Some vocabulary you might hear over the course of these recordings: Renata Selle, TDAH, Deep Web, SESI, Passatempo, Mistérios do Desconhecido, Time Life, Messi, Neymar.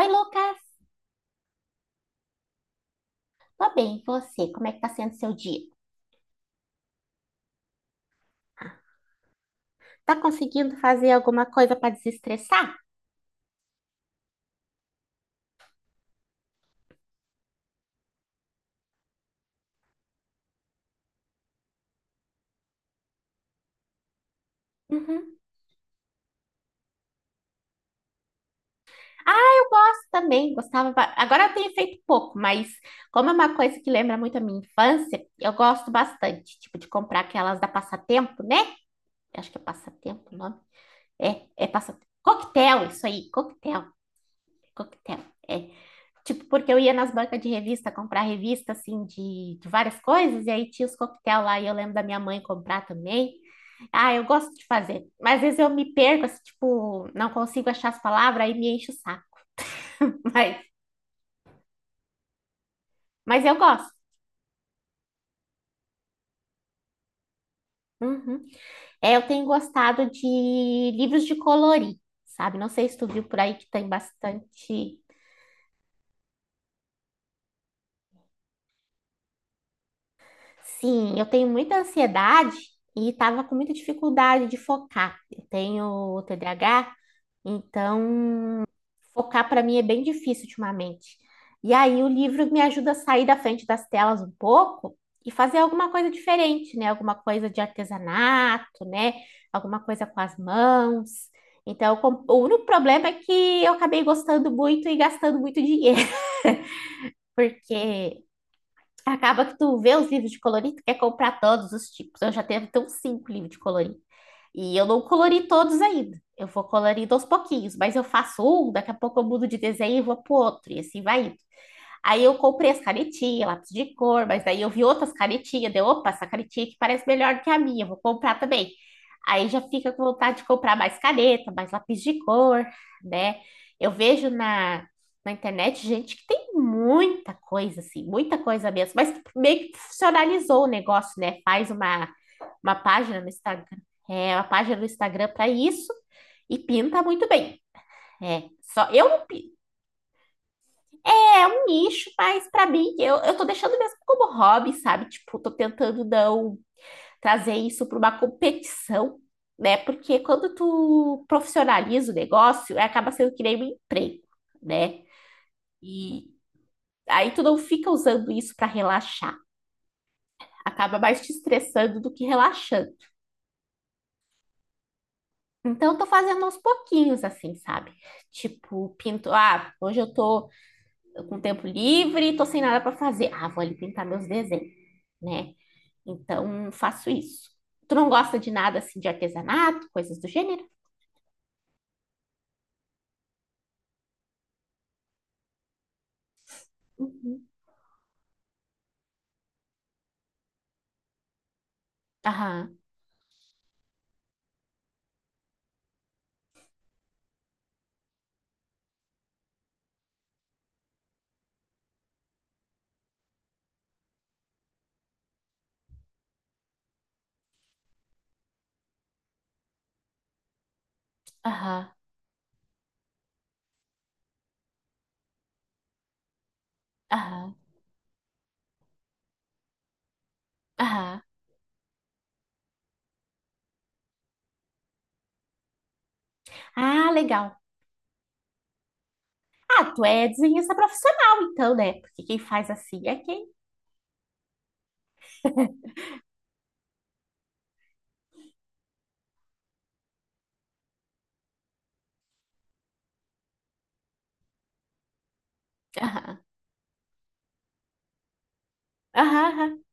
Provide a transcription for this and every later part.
Oi, Lucas. Tô bem, e você? Como é que tá sendo seu dia? Tá conseguindo fazer alguma coisa para desestressar? Uhum. Ah, eu gosto também, gostava. Agora eu tenho feito pouco, mas como é uma coisa que lembra muito a minha infância, eu gosto bastante, tipo, de comprar aquelas da Passatempo, né? Acho que é Passatempo o nome. É, é Passatempo. Coquetel, isso aí, coquetel, coquetel. É. Tipo, porque eu ia nas bancas de revista comprar revista, assim, de várias coisas, e aí tinha os coquetel lá, e eu lembro da minha mãe comprar também. Ah, eu gosto de fazer, mas às vezes eu me perco, assim, tipo, não consigo achar as palavras, aí me enche o saco. Mas, mas eu gosto. Uhum. É, eu tenho gostado de livros de colorir, sabe? Não sei se tu viu por aí que tem bastante. Sim, eu tenho muita ansiedade e tava com muita dificuldade de focar. Eu tenho TDAH. Então, focar para mim é bem difícil ultimamente. E aí o livro me ajuda a sair da frente das telas um pouco e fazer alguma coisa diferente, né? Alguma coisa de artesanato, né? Alguma coisa com as mãos. Então, o único problema é que eu acabei gostando muito e gastando muito dinheiro, porque acaba que tu vê os livros de colorir, tu quer comprar todos os tipos. Eu já tenho até uns cinco livros de colorir. E eu não colori todos ainda. Eu vou colorindo aos pouquinhos, mas eu faço um, daqui a pouco eu mudo de desenho e vou pro outro, e assim vai indo. Aí eu comprei as canetinhas, lápis de cor, mas aí eu vi outras canetinhas, deu, opa, essa canetinha que parece melhor do que a minha, vou comprar também. Aí já fica com vontade de comprar mais caneta, mais lápis de cor, né? Eu vejo na internet gente que tem muita coisa, assim, muita coisa mesmo, mas que meio que profissionalizou o negócio, né? Faz uma página no Instagram, é, uma página no Instagram para isso e pinta muito bem. É, só eu não, é um nicho, mas pra mim, eu tô deixando mesmo como hobby, sabe? Tipo, tô tentando não trazer isso pra uma competição, né? Porque quando tu profissionaliza o negócio, é, acaba sendo que nem um emprego, né? E aí tu não fica usando isso pra relaxar. Acaba mais te estressando do que relaxando. Então, eu tô fazendo aos pouquinhos, assim, sabe? Tipo, pinto. Ah, hoje eu tô com tempo livre, tô sem nada pra fazer. Ah, vou ali pintar meus desenhos, né? Então, faço isso. Tu não gosta de nada assim de artesanato, coisas do gênero? Uhum. Aham, aham, aham, aham. Ah, legal. Ah, tu é desenhista profissional, então, né? Porque quem faz assim é quem. Aham, aham, aham.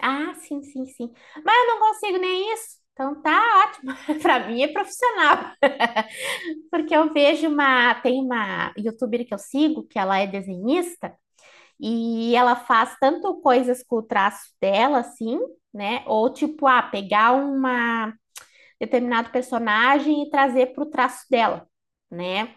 Ah, sim, sim, sim. Mas eu não consigo nem isso. Então tá, ó. Pra mim é profissional. Porque eu vejo uma. Tem uma youtuber que eu sigo, que ela é desenhista. E ela faz tanto coisas com o traço dela, assim, né? Ou tipo, ah, pegar uma determinado personagem e trazer para o traço dela, né?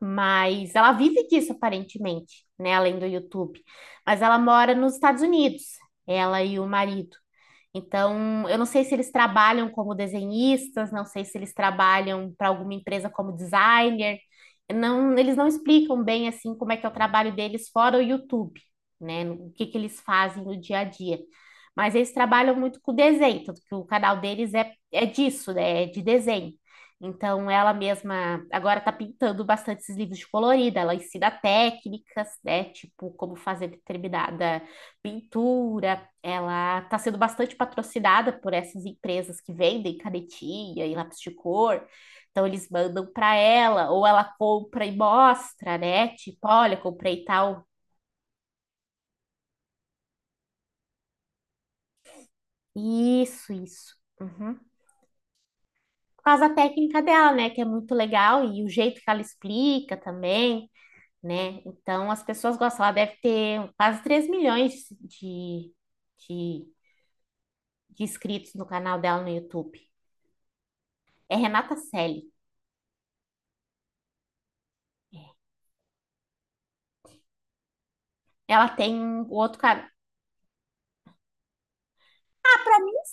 Mas ela vive disso aparentemente, né? Além do YouTube. Mas ela mora nos Estados Unidos, ela e o marido. Então, eu não sei se eles trabalham como desenhistas, não sei se eles trabalham para alguma empresa como designer. Não, eles não explicam bem assim como é que é o trabalho deles fora o YouTube, né? O que que eles fazem no dia a dia. Mas eles trabalham muito com desenho, tanto que o canal deles é, é disso, né? É de desenho. Então, ela mesma agora está pintando bastante esses livros de colorida. Ela ensina técnicas, né? Tipo, como fazer determinada pintura, ela está sendo bastante patrocinada por essas empresas que vendem canetinha e lápis de cor. Então eles mandam para ela, ou ela compra e mostra, né? Tipo, olha, comprei tal. Isso, isso. Uhum. Por causa da técnica dela, né? Que é muito legal e o jeito que ela explica também, né? Então as pessoas gostam. Ela deve ter quase 3 milhões de, de, de inscritos no canal dela no YouTube. É Renata Selle. Ela tem o outro canal.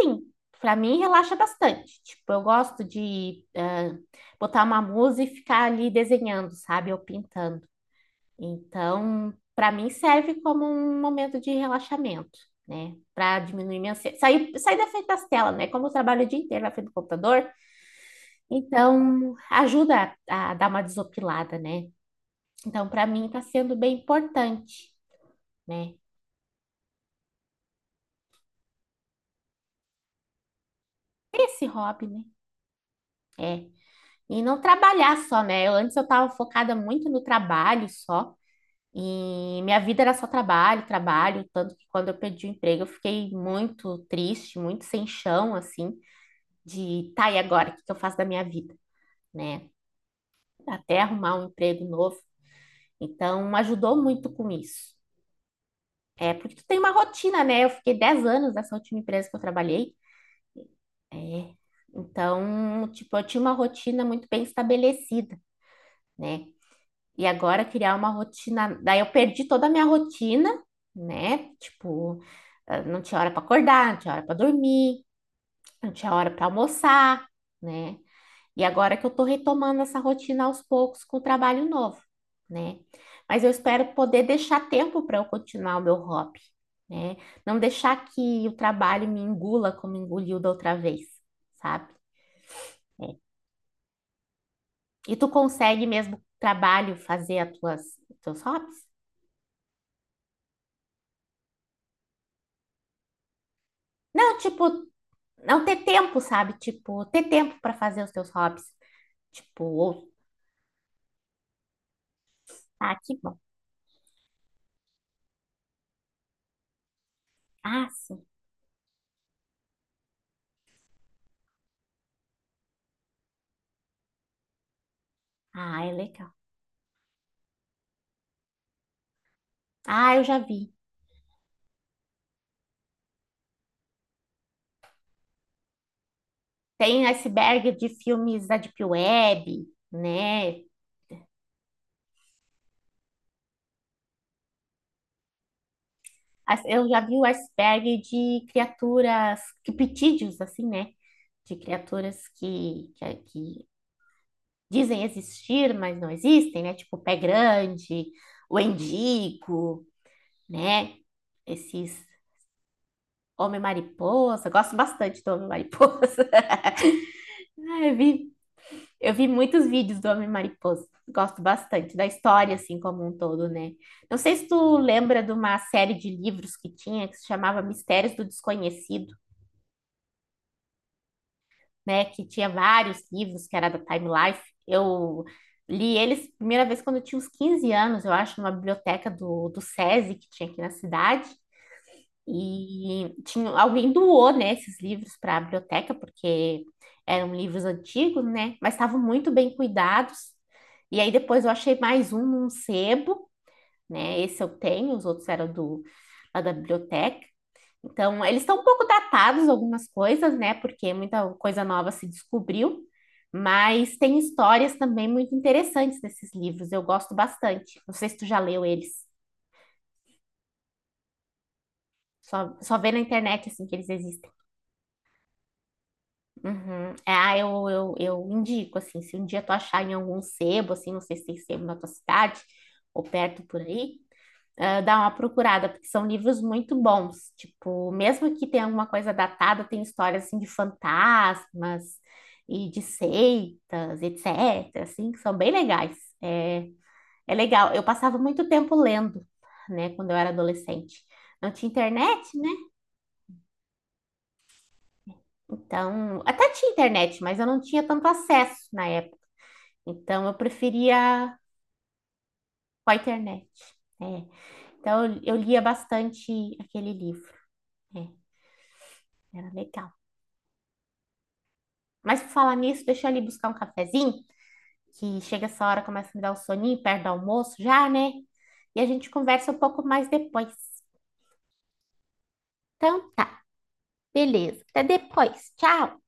Sim, pra mim relaxa bastante. Tipo, eu gosto de ah, botar uma música e ficar ali desenhando, sabe? Ou pintando. Então, pra mim serve como um momento de relaxamento, né? Pra diminuir minha ansiedade. Sair, sair da frente das telas, né? Como eu trabalho o dia inteiro na frente do computador, então ajuda a dar uma desopilada, né? Então, pra mim tá sendo bem importante, né? Ter esse hobby, né? É. E não trabalhar só, né? Eu, antes eu estava focada muito no trabalho só, e minha vida era só trabalho, trabalho, tanto que quando eu perdi o emprego eu fiquei muito triste, muito sem chão, assim, de tá, e agora, o que que eu faço da minha vida, né? Até arrumar um emprego novo. Então, ajudou muito com isso. É, porque tu tem uma rotina, né? Eu fiquei 10 anos nessa última empresa que eu trabalhei. É. Então, tipo, eu tinha uma rotina muito bem estabelecida, né? E agora criar uma rotina. Daí eu perdi toda a minha rotina, né? Tipo, ah, não tinha hora para acordar, não tinha hora para dormir, não tinha hora para almoçar, né? E agora que eu tô retomando essa rotina aos poucos com o trabalho novo, né? Mas eu espero poder deixar tempo para eu continuar o meu hobby, né? Não deixar que o trabalho me engula como engoliu da outra vez, sabe? E tu consegue mesmo com o trabalho fazer as tuas teus hobbies? Não, tipo, não ter tempo, sabe? Tipo, ter tempo para fazer os seus hobbies. Tipo, ou, ah, que bom. Ah, sim. Ah, é legal. Ah, eu já vi. Tem iceberg de filmes da Deep Web, né? Eu já vi o iceberg de criaturas, criptídeos, assim, né? De criaturas que dizem existir, mas não existem, né? Tipo, o pé grande, o endigo, né? Esses homem-mariposa. Gosto bastante do homem-mariposa. Ah, eu vi muitos vídeos do Homem Mariposa. Gosto bastante da história, assim, como um todo, né? Não sei se tu lembra de uma série de livros que tinha, que se chamava Mistérios do Desconhecido, né? Que tinha vários livros, que era da Time Life. Eu li eles primeira vez quando eu tinha uns 15 anos, eu acho, numa biblioteca do SESI, que tinha aqui na cidade. E tinha, alguém doou, né, esses livros para a biblioteca, porque eram livros antigos, né? Mas estavam muito bem cuidados. E aí depois eu achei mais um num sebo, né? Esse eu tenho, os outros eram do, lá da biblioteca. Então, eles estão um pouco datados, algumas coisas, né? Porque muita coisa nova se descobriu, mas tem histórias também muito interessantes nesses livros. Eu gosto bastante. Não sei se tu já leu eles. Só, só vê na internet, assim, que eles existem. Uhum. É, ah, eu indico, assim, se um dia tu achar em algum sebo, assim, não sei se tem sebo na tua cidade ou perto por aí, ah, dá uma procurada, porque são livros muito bons. Tipo, mesmo que tenha alguma coisa datada, tem histórias, assim, de fantasmas e de seitas, etc., assim, que são bem legais. É, é legal. Eu passava muito tempo lendo, né, quando eu era adolescente. Não tinha internet, né? Então, até tinha internet, mas eu não tinha tanto acesso na época. Então, eu preferia com a internet. Né? Então, eu lia bastante aquele livro. Né? Era legal. Mas, por falar nisso, deixa eu ali buscar um cafezinho, que chega essa hora, começa a me dar um soninho, perto do almoço já, né? E a gente conversa um pouco mais depois. Então, tá. Beleza. Até depois. Tchau.